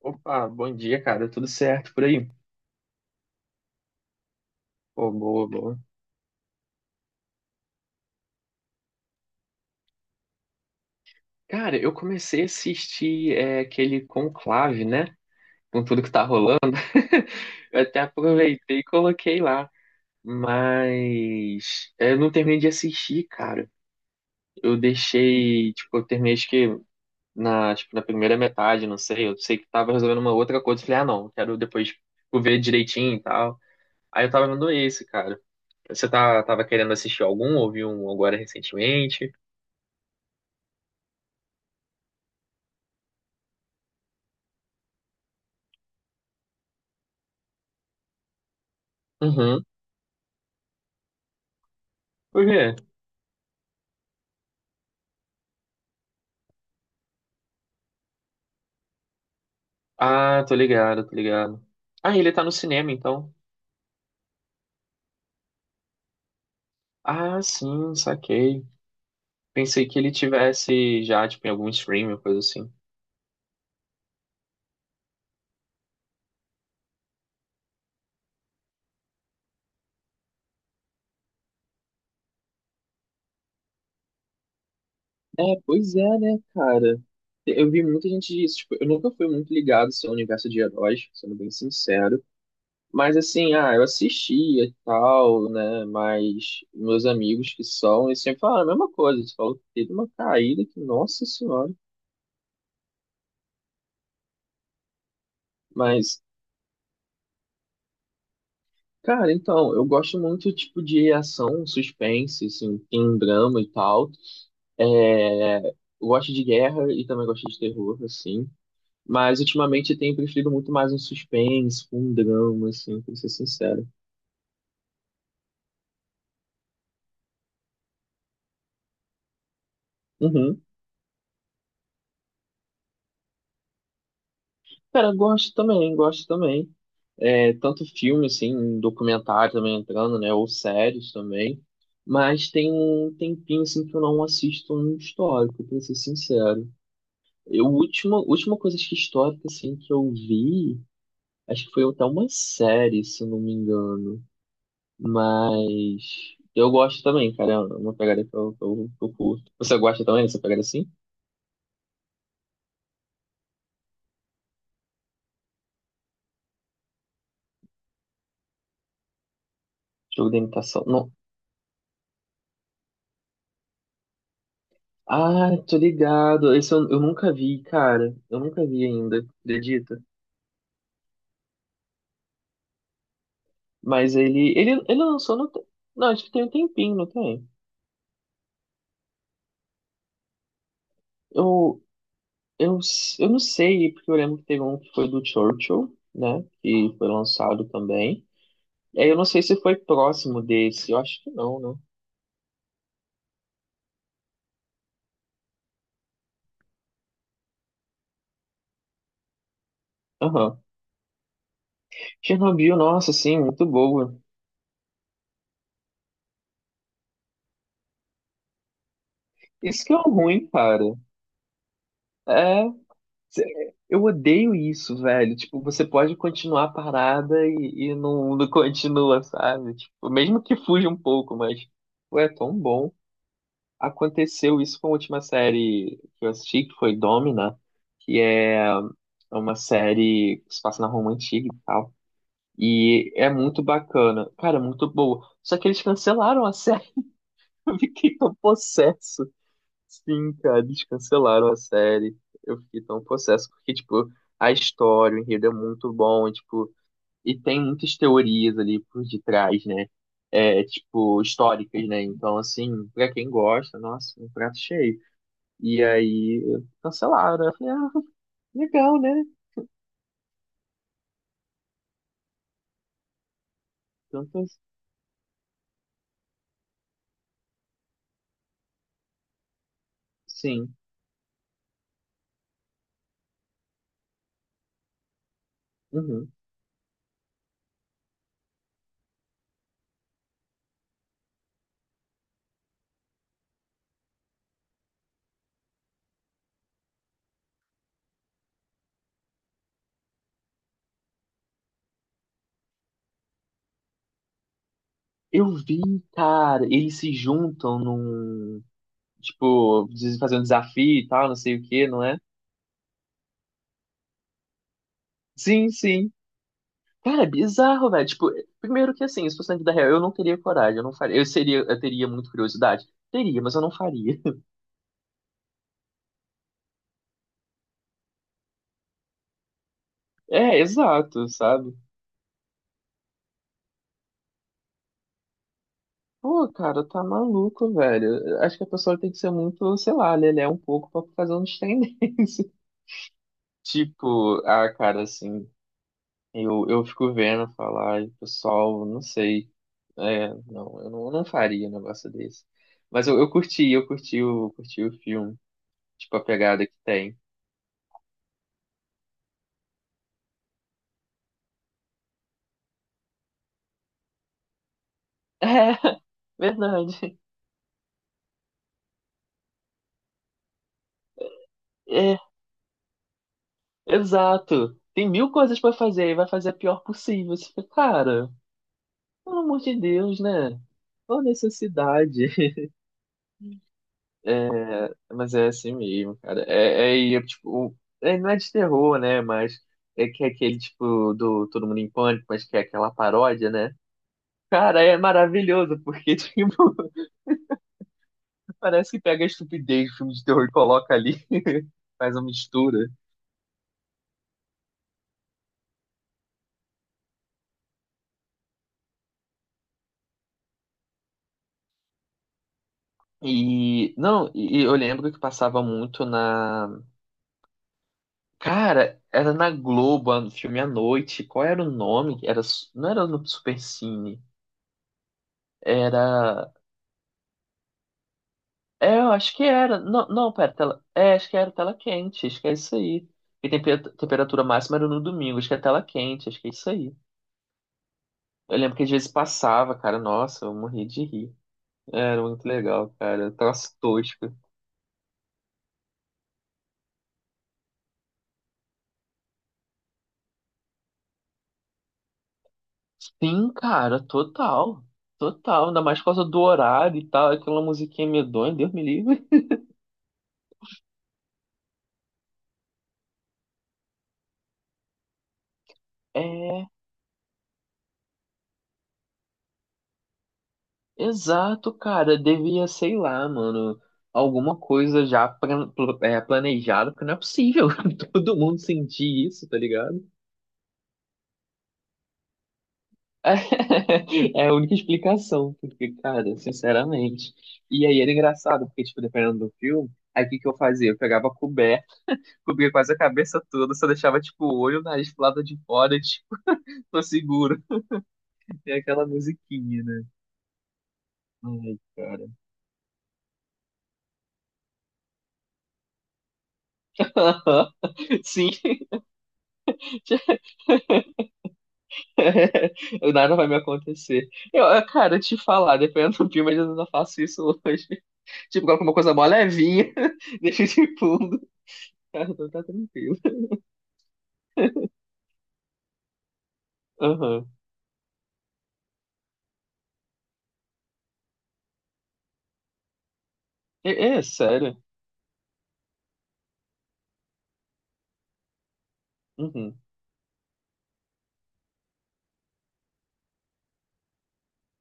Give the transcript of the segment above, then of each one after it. Opa, bom dia, cara. Tudo certo por aí? Pô, boa, boa. Cara, eu comecei a assistir aquele Conclave, né? Com tudo que tá rolando. Eu até aproveitei e coloquei lá. Eu não terminei de assistir, cara. Eu deixei, tipo, eu terminei acho que na, tipo, na primeira metade, não sei. Eu sei que tava resolvendo uma outra coisa. Eu Falei, ah, não, quero depois tipo, ver direitinho e tal. Aí eu tava vendo esse, cara. Tava querendo assistir algum? Ouviu um agora recentemente? Por quê? Ah, tô ligado, tô ligado. Ah, ele tá no cinema, então. Ah, sim, saquei. Pensei que ele tivesse já, tipo, em algum stream, coisa assim. É, pois é, né, cara? Eu vi muita gente disso. Tipo, eu nunca fui muito ligado assim, ao universo de heróis, sendo bem sincero. Mas, assim, ah, eu assistia e tal, né? Mas meus amigos que são, eles sempre falam a mesma coisa. Eles falam que teve uma caída que, nossa senhora. Mas cara, então, eu gosto muito, tipo, de ação, suspense, assim, tem drama e tal. Eu gosto de guerra e também gosto de terror, assim. Mas, ultimamente, eu tenho preferido muito mais um suspense, um drama, assim, pra ser sincero. Uhum. Cara, gosto também, gosto também. É, tanto filme, assim, documentário também entrando, né? Ou séries também. Mas tem um tempinho, assim, que eu não assisto um histórico, pra ser sincero. Eu, última coisa acho que histórica, assim, que eu vi, acho que foi até uma série, se eu não me engano. Mas eu gosto também, cara. É uma pegada que eu curto. Você gosta também dessa pegada assim? Jogo de imitação? Não. Ah, tô ligado. Eu nunca vi, cara. Eu nunca vi ainda, acredita? Mas ele lançou Não, acho que tem um tempinho, não tem? Eu, eu não sei, porque eu lembro que teve um que foi do Churchill, né? Que foi lançado também. É, eu não sei se foi próximo desse, eu acho que não, né? Aham. Chernobyl, nossa, sim, muito boa. Isso que é o ruim, cara. É, eu odeio isso, velho. Tipo, você pode continuar a parada e não continua, sabe? Tipo, mesmo que fuja um pouco, mas pô, é tão bom. Aconteceu isso com a última série que eu assisti, que foi Domina, que é é uma série que se passa na Roma Antiga e tal. E é muito bacana. Cara, é muito boa. Só que eles cancelaram a série. Eu fiquei tão possesso. Sim, cara, eles cancelaram a série. Eu fiquei tão possesso. Porque, tipo, a história, o enredo é muito bom. E tem muitas teorias ali por detrás, né? É, tipo, históricas, né? Então, assim, pra quem gosta, nossa, um prato cheio. E aí, cancelaram. Eu falei, ah, legal, né? Tanto, sim. Uhum. Eu vi, cara, eles se juntam num, tipo, dizem fazer um desafio e tal, não sei o que, não é? Sim, sim. Cara, é bizarro, velho. Tipo, primeiro que assim, se fosse na vida real, eu não faria. Eu teria muita curiosidade. Teria, mas eu não faria. É, exato, sabe? Pô, cara, tá maluco, velho. Acho que a pessoa tem que ser muito, sei lá, lelé um pouco pra fazer um trem desse. Tipo, ah, cara, assim. Eu fico vendo falar, e, pessoal, não sei. Eu não faria um negócio desse. Curti o filme. Tipo, a pegada que tem. É, verdade. É, exato. Tem mil coisas pra fazer e vai fazer a pior possível. Você fica, cara, pelo amor de Deus, né? Qual a necessidade? Mas é assim mesmo, cara. Não é de terror, né? Mas é que é aquele tipo do Todo Mundo em Pânico, mas que é aquela paródia, né? Cara, é maravilhoso, porque, tipo, parece que pega a estupidez do filme de terror e coloca ali, faz uma mistura. E, não, e eu lembro que passava muito na. Cara, era na Globo, no filme à noite. Qual era o nome? Não era no Supercine. Era. É, eu acho que era. Não, não, pera, tela. É, acho que era tela quente, acho que é isso aí. E temperatura máxima era no domingo, acho que é tela quente, acho que é isso aí. Eu lembro que às vezes passava, cara, nossa, eu morri de rir. Era muito legal, cara, troço tosco. Sim, cara, total. Total, ainda mais por causa do horário e tal, aquela musiquinha medonha, Deus me livre. É, exato, cara. Devia, sei lá, mano, alguma coisa já plan- pl- é, planejada, porque não é possível todo mundo sentir isso, tá ligado? É, a única explicação, porque, cara, sinceramente. E aí era engraçado, porque, tipo, dependendo do filme, aí o que que eu fazia? Eu pegava coberto, cobria quase a cabeça toda, só deixava, tipo, o olho, o nariz pro lado de fora, tipo, tô seguro. Tem aquela musiquinha, né? Ai, cara. Sim, nada vai me acontecer. Cara, te falar, dependendo do filme, às vezes eu não faço isso hoje. Tipo, coloco uma coisa mó levinha, deixa de fundo. Tá, tá tranquilo. Aham. É, é, sério. Uhum.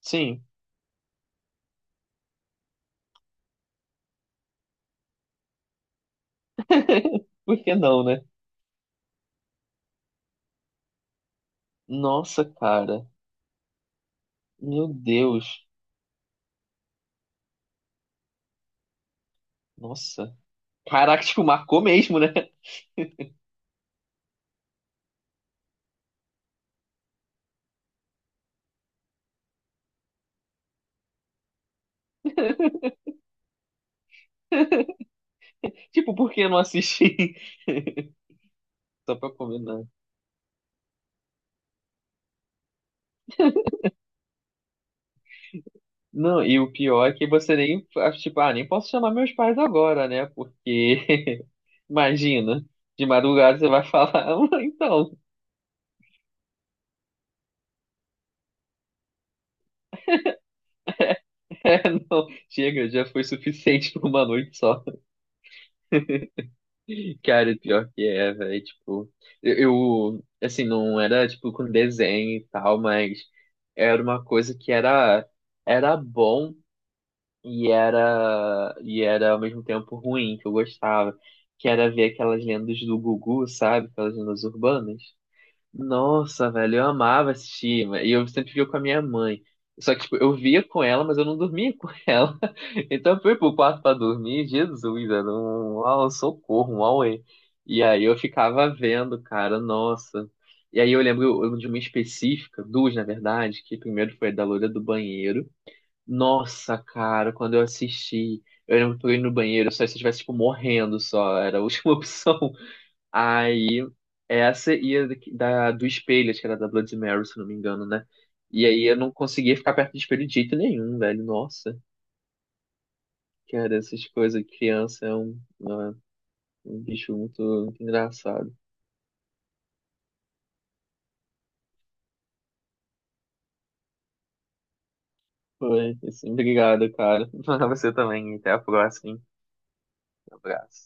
Sim. Por que não, né? Nossa, cara. Meu Deus. Nossa. Caraca, tipo, marcou mesmo, né? Tipo, por que eu não assisti? Só pra combinar. Não, e o pior é que você nem, ah, tipo, ah, nem posso chamar meus pais agora, né? Porque imagina, de madrugada você vai falar, "Ah, então, é, não, chega, já foi suficiente por uma noite só. Cara, pior que é, velho, tipo, eu, assim, não era, tipo, com desenho e tal, mas era uma coisa que era, era bom e era ao mesmo tempo ruim, que eu gostava, que era ver aquelas lendas do Gugu, sabe, aquelas lendas urbanas. Nossa, velho, eu amava assistir, e eu sempre via com a minha mãe. Só que, tipo, eu via com ela, mas eu não dormia com ela. Então eu fui pro quarto pra dormir, Jesus, era um, um socorro, um auê. E aí eu ficava vendo, cara, nossa. E aí eu lembro de uma específica, duas, na verdade, que primeiro foi a da loira do banheiro. Nossa, cara, quando eu assisti, eu lembro que eu ia no banheiro, só se eu estivesse, tipo, morrendo só, era a última opção. Aí, essa e a do espelho, acho que era da Bloody Mary, se não me engano, né? E aí eu não conseguia ficar perto do espelho de jeito nenhum, velho. Nossa, cara, essas coisas, criança é um bicho muito, muito engraçado. Foi, assim, obrigado, cara. Pra você também. Até a próxima. Hein? Um Abraço.